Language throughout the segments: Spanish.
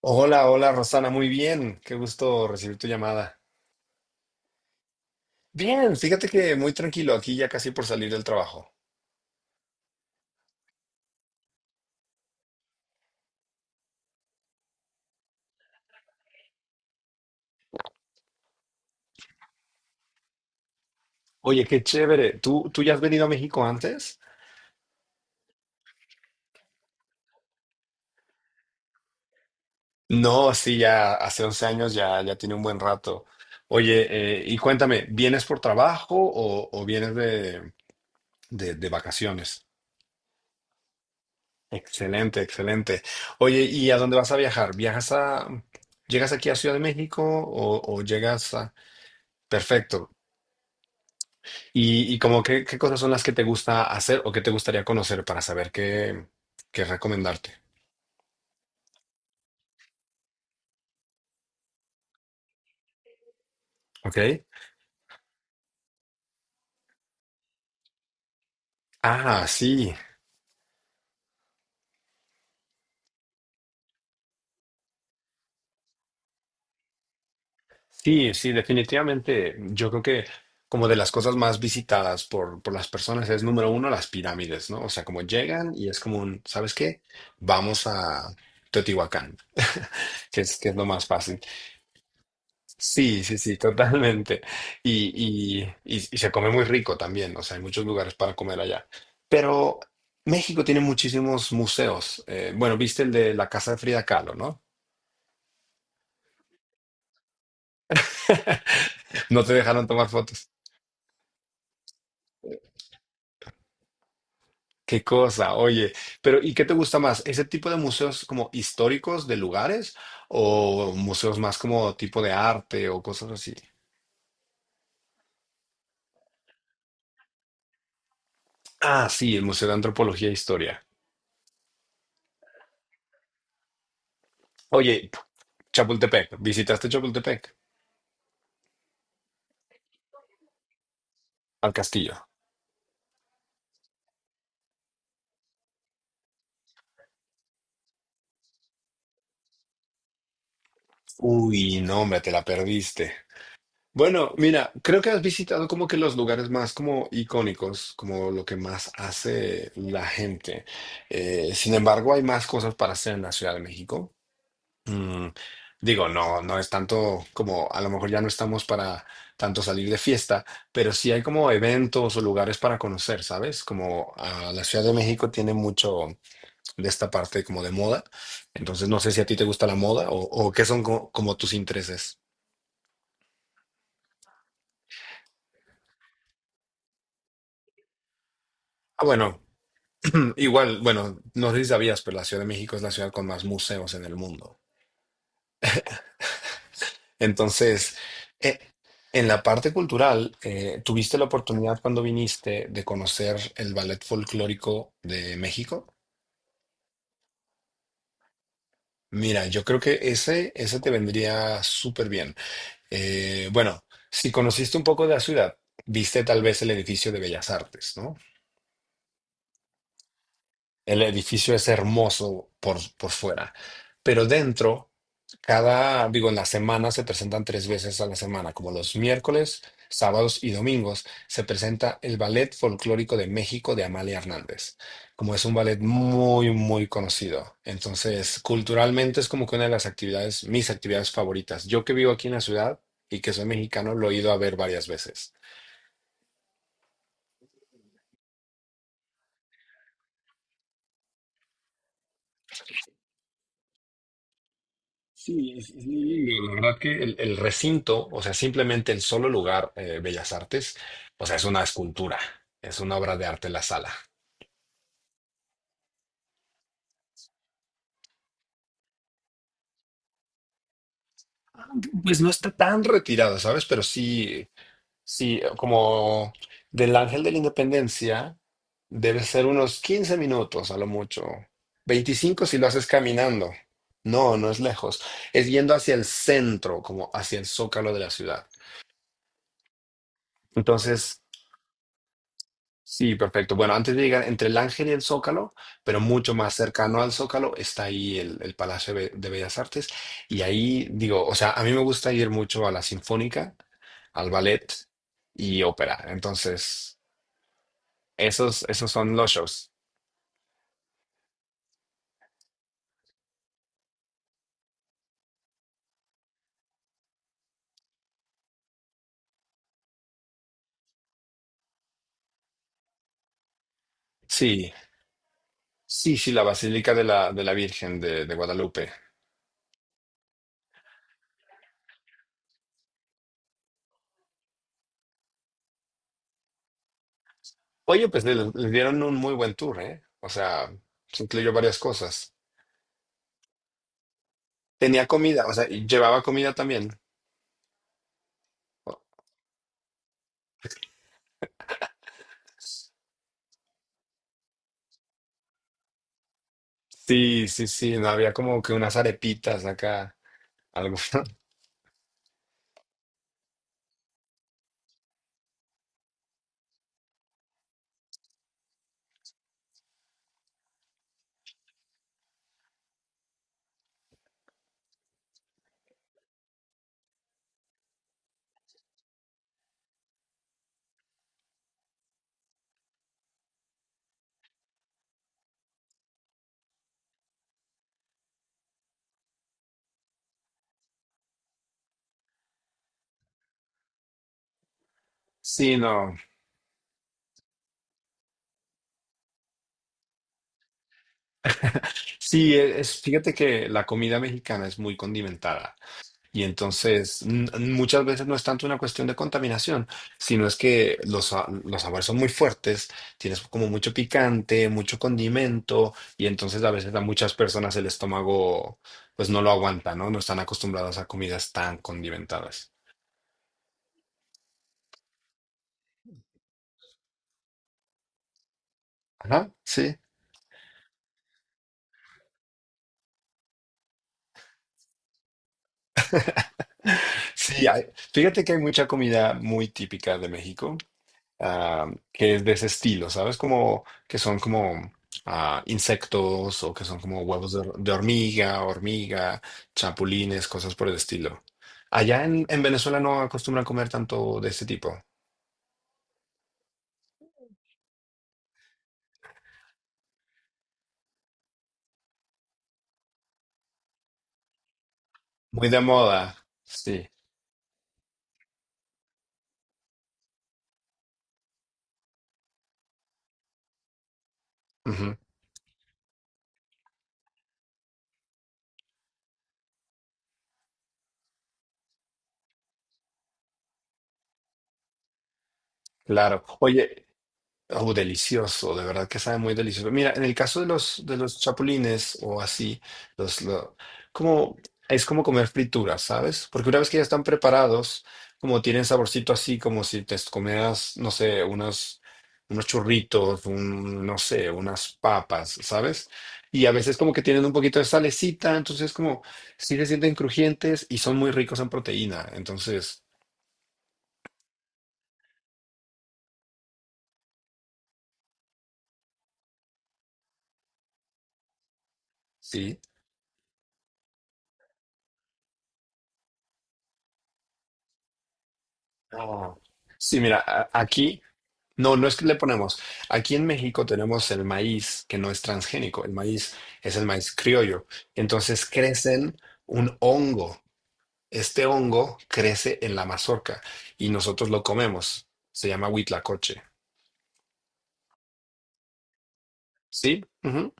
Hola, hola Rosana, muy bien. Qué gusto recibir tu llamada. Bien, fíjate que muy tranquilo, aquí ya casi por salir del trabajo. Oye, qué chévere. ¿Tú ya has venido a México antes? No, sí, ya hace 11 años, ya tiene un buen rato. Oye, y cuéntame, ¿vienes por trabajo o vienes de vacaciones? Excelente, excelente. Oye, ¿y a dónde vas a viajar? Llegas aquí a Ciudad de México o llegas a. Perfecto. Y como qué, cosas son las que te gusta hacer o qué te gustaría conocer para saber qué recomendarte. ¿Ok? Ah, sí, sí, sí, definitivamente. Yo creo que como de las cosas más visitadas por las personas es número uno las pirámides, ¿no? O sea, como llegan y es como un, ¿sabes qué? Vamos a Teotihuacán, que es lo más fácil. Sí, sí, sí, totalmente. Y se come muy rico también, o sea, hay muchos lugares para comer allá. Pero México tiene muchísimos museos. Bueno, viste el de la casa de Frida Kahlo, ¿no? No te dejaron tomar fotos. Qué cosa, oye. Pero ¿y qué te gusta más? ¿Ese tipo de museos como históricos de lugares o museos más como tipo de arte o cosas así? Ah, sí, el Museo de Antropología e Historia. Oye, Chapultepec, ¿visitaste Chapultepec? Al castillo. Uy, no, hombre, te la perdiste. Bueno, mira, creo que has visitado como que los lugares más como icónicos, como lo que más hace la gente. Sin embargo, hay más cosas para hacer en la Ciudad de México. Mm, Digo, no es tanto como, a lo mejor ya no estamos para tanto salir de fiesta, pero sí hay como eventos o lugares para conocer, ¿sabes? Como la Ciudad de México tiene mucho de esta parte como de moda. Entonces, no sé si a ti te gusta la moda o qué son como tus intereses. Ah, bueno, igual, bueno, no sé si sabías, pero la Ciudad de México es la ciudad con más museos en el mundo. Entonces, eh, en la parte cultural, ¿tuviste la oportunidad cuando viniste de conocer el ballet folclórico de México? Mira, yo creo que ese te vendría súper bien. Bueno, si conociste un poco de la ciudad, viste tal vez el edificio de Bellas Artes, ¿no? El edificio es hermoso por fuera, pero dentro, cada, digo, en la semana se presentan tres veces a la semana, como los miércoles, sábados y domingos, se presenta el Ballet Folclórico de México de Amalia Hernández, como es un ballet muy, muy conocido. Entonces, culturalmente es como que una de las actividades, mis actividades favoritas. Yo que vivo aquí en la ciudad y que soy mexicano, lo he ido a ver varias veces. Sí, es muy lindo. La verdad que el recinto, o sea, simplemente el solo lugar, Bellas Artes, o sea, es una escultura, es una obra de arte la sala. Pues no está tan retirada, ¿sabes? Pero sí, sí, como del Ángel de la Independencia, debe ser unos 15 minutos a lo mucho. 25 si lo haces caminando. No, no es lejos. Es yendo hacia el centro, como hacia el zócalo de la ciudad. Entonces, sí, perfecto. Bueno, antes de llegar entre el Ángel y el Zócalo, pero mucho más cercano al Zócalo, está ahí el Palacio de de Bellas Artes. Y ahí digo, o sea, a mí me gusta ir mucho a la Sinfónica, al ballet y ópera. Entonces, esos son los shows. Sí, sí, sí, la Basílica de la Virgen de Guadalupe. Oye, pues le dieron un muy buen tour, ¿eh? O sea, se incluyó varias cosas. Tenía comida, o sea, y llevaba comida también. Sí, sí, sí, no había como que unas arepitas acá, algo. Sí, no. Sí, es, fíjate que la comida mexicana es muy condimentada y entonces muchas veces no es tanto una cuestión de contaminación, sino es que los sabores son muy fuertes, tienes como mucho picante, mucho condimento y entonces a veces a muchas personas el estómago pues no lo aguanta, ¿no? No están acostumbradas a comidas tan condimentadas. Ajá, sí. Sí, fíjate que hay mucha comida muy típica de México, que es de ese estilo, ¿sabes? Como que son como insectos o que son como huevos de hormiga, chapulines, cosas por el estilo. Allá en Venezuela no acostumbran comer tanto de ese tipo. Muy de moda, sí. Ujú, claro. Oye, Oh, delicioso, de verdad que sabe muy delicioso. Mira, en el caso de los chapulines o así, los, lo- como, es como comer frituras, ¿sabes? Porque una vez que ya están preparados, como tienen saborcito así, como si te comieras, no sé, unos churritos, no sé, unas papas, ¿sabes? Y a veces como que tienen un poquito de salecita, entonces como sí se sienten crujientes y son muy ricos en proteína. Entonces, sí. Ah. Sí, mira, aquí. No, no es que le ponemos. Aquí en México tenemos el maíz que no es transgénico. El maíz es el maíz criollo. Entonces crecen un hongo. Este hongo crece en la mazorca y nosotros lo comemos. Se llama huitlacoche. Sí, ujú.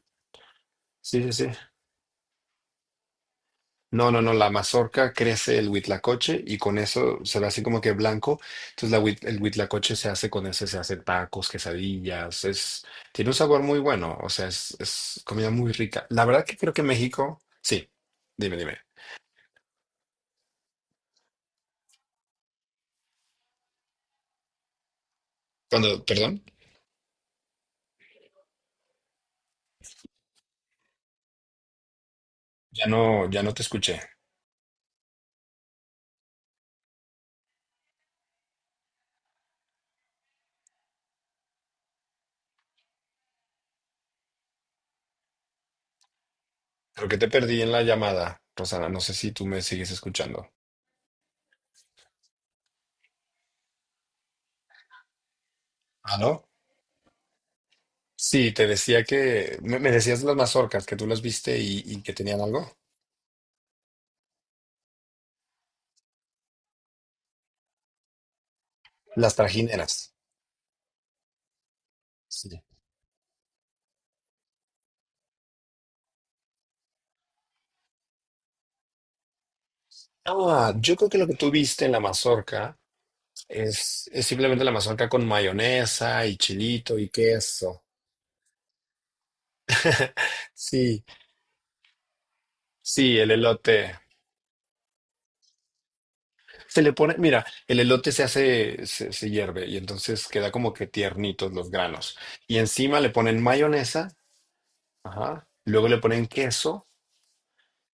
Sí, sí, sí. No, no, no, la mazorca crece el huitlacoche y con eso se ve así como que blanco. Entonces el huitlacoche se hace con eso, se hacen tacos, quesadillas, tiene un sabor muy bueno, o sea, es comida muy rica. La verdad que creo que México, sí, dime, dime. Perdón, ya no, ya no te escuché. Creo que te perdí en la llamada, Rosana, no sé si tú me sigues escuchando. ¿Ah, no? Sí, te decía me decías las mazorcas, que tú las viste y que tenían algo. Las trajineras. Ah, yo creo que lo que tú viste en la mazorca es simplemente la mazorca con mayonesa y chilito y queso. Sí, sí, el elote. Se le pone, mira, el elote se hace, se hierve y entonces queda como que tiernitos los granos. Y encima le ponen mayonesa, ajá, luego le ponen queso.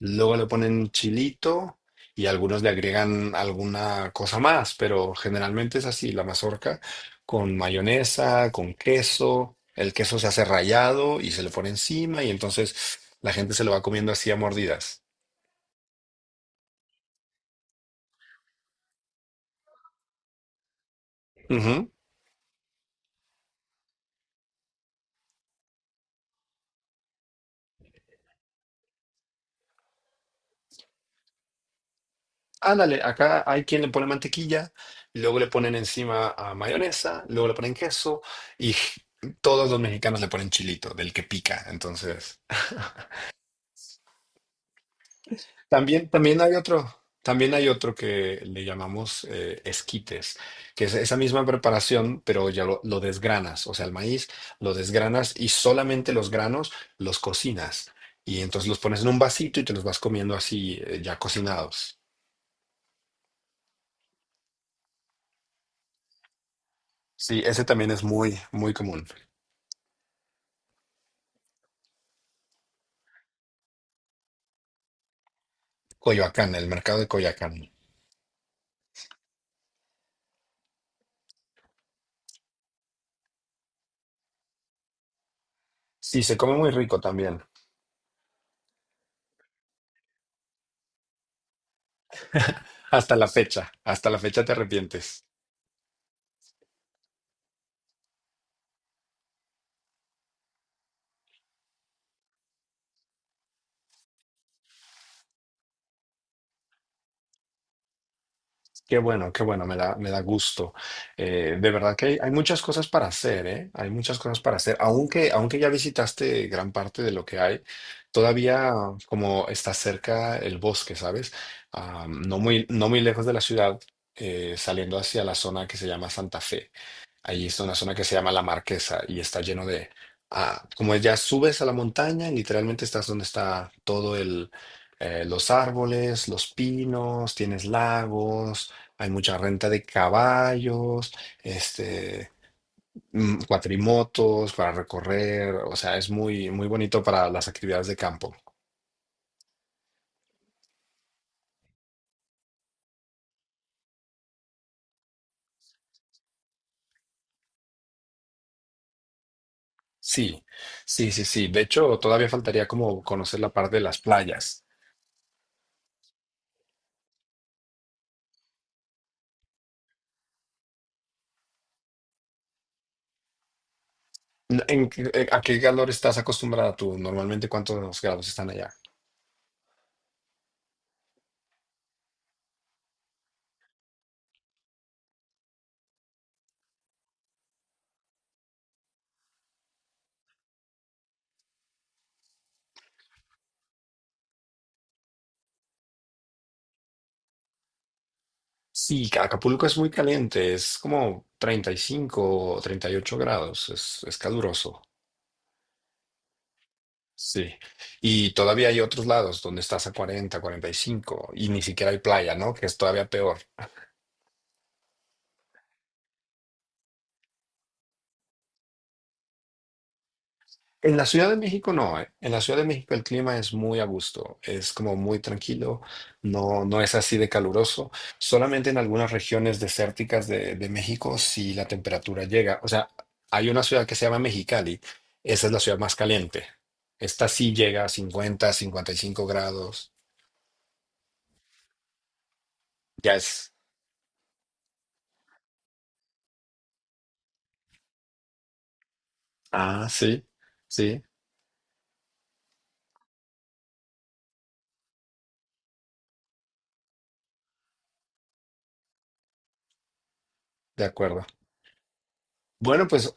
Luego le ponen chilito y algunos le agregan alguna cosa más, pero generalmente es así, la mazorca con mayonesa, con queso, el queso se hace rallado y se le pone encima y entonces la gente se lo va comiendo así a mordidas. Ujú. Ándale, acá hay quien le pone mantequilla, luego le ponen encima a mayonesa, luego le ponen queso y todos los mexicanos le ponen chilito, del que pica, entonces. También, también hay otro que le llamamos esquites, que es esa misma preparación, pero ya lo desgranas, o sea, el maíz lo desgranas y solamente los granos los cocinas. Y entonces los pones en un vasito y te los vas comiendo así, ya cocinados. Sí, ese también es muy, muy común. Coyoacán, el mercado de Coyoacán. Sí, se come muy rico también. Hasta la fecha te arrepientes. Qué bueno, me da gusto. De verdad que hay muchas cosas para hacer, ¿eh? Hay muchas cosas para hacer. Aunque ya visitaste gran parte de lo que hay, todavía como está cerca el bosque, ¿sabes? No muy lejos de la ciudad, saliendo hacia la zona que se llama Santa Fe. Ahí es una zona que se llama La Marquesa y está lleno de. Como ya subes a la montaña, literalmente estás donde está todo el. Los árboles, los pinos, tienes lagos, hay mucha renta de caballos, este, cuatrimotos para recorrer, o sea, es muy, muy bonito para las actividades de campo. Sí, sí, sí, sí. De hecho, todavía faltaría como conocer la parte de las playas. A qué calor estás acostumbrada tú? Normalmente, ¿cuántos grados están allá? Sí, Acapulco es muy caliente, es como 35 o 38 grados, es caluroso. Sí. Y todavía hay otros lados donde estás a 40, 45, y ni siquiera hay playa, ¿no? Que es todavía peor. En la Ciudad de México no. En la Ciudad de México el clima es muy a gusto, es como muy tranquilo, no es así de caluroso. Solamente en algunas regiones desérticas de México si la temperatura llega. O sea, hay una ciudad que se llama Mexicali, esa es la ciudad más caliente. Esta sí llega a 50, 55 grados. Ya es. Ah, sí, sí, de acuerdo. Bueno, pues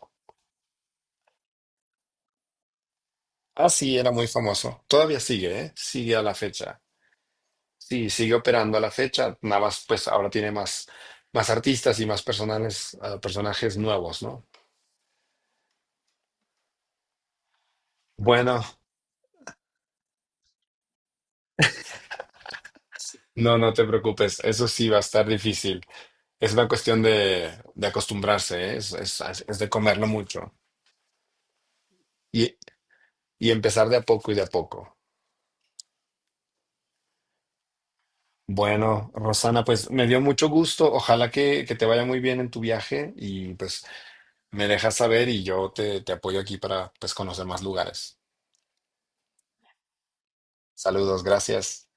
así era muy famoso. Todavía sigue, ¿eh? Sigue a la fecha. Sí, sigue operando a la fecha, nada más pues ahora tiene más artistas y más personales, personajes nuevos, ¿no? Bueno, no, no te preocupes, eso sí va a estar difícil. Es una cuestión de acostumbrarse, ¿eh? Es de comerlo mucho y, y empezar de a poco y de a poco. Bueno, Rosana, pues me dio mucho gusto, ojalá que te vaya muy bien en tu viaje y pues me dejas saber y yo te apoyo aquí para pues conocer más lugares. Saludos, gracias.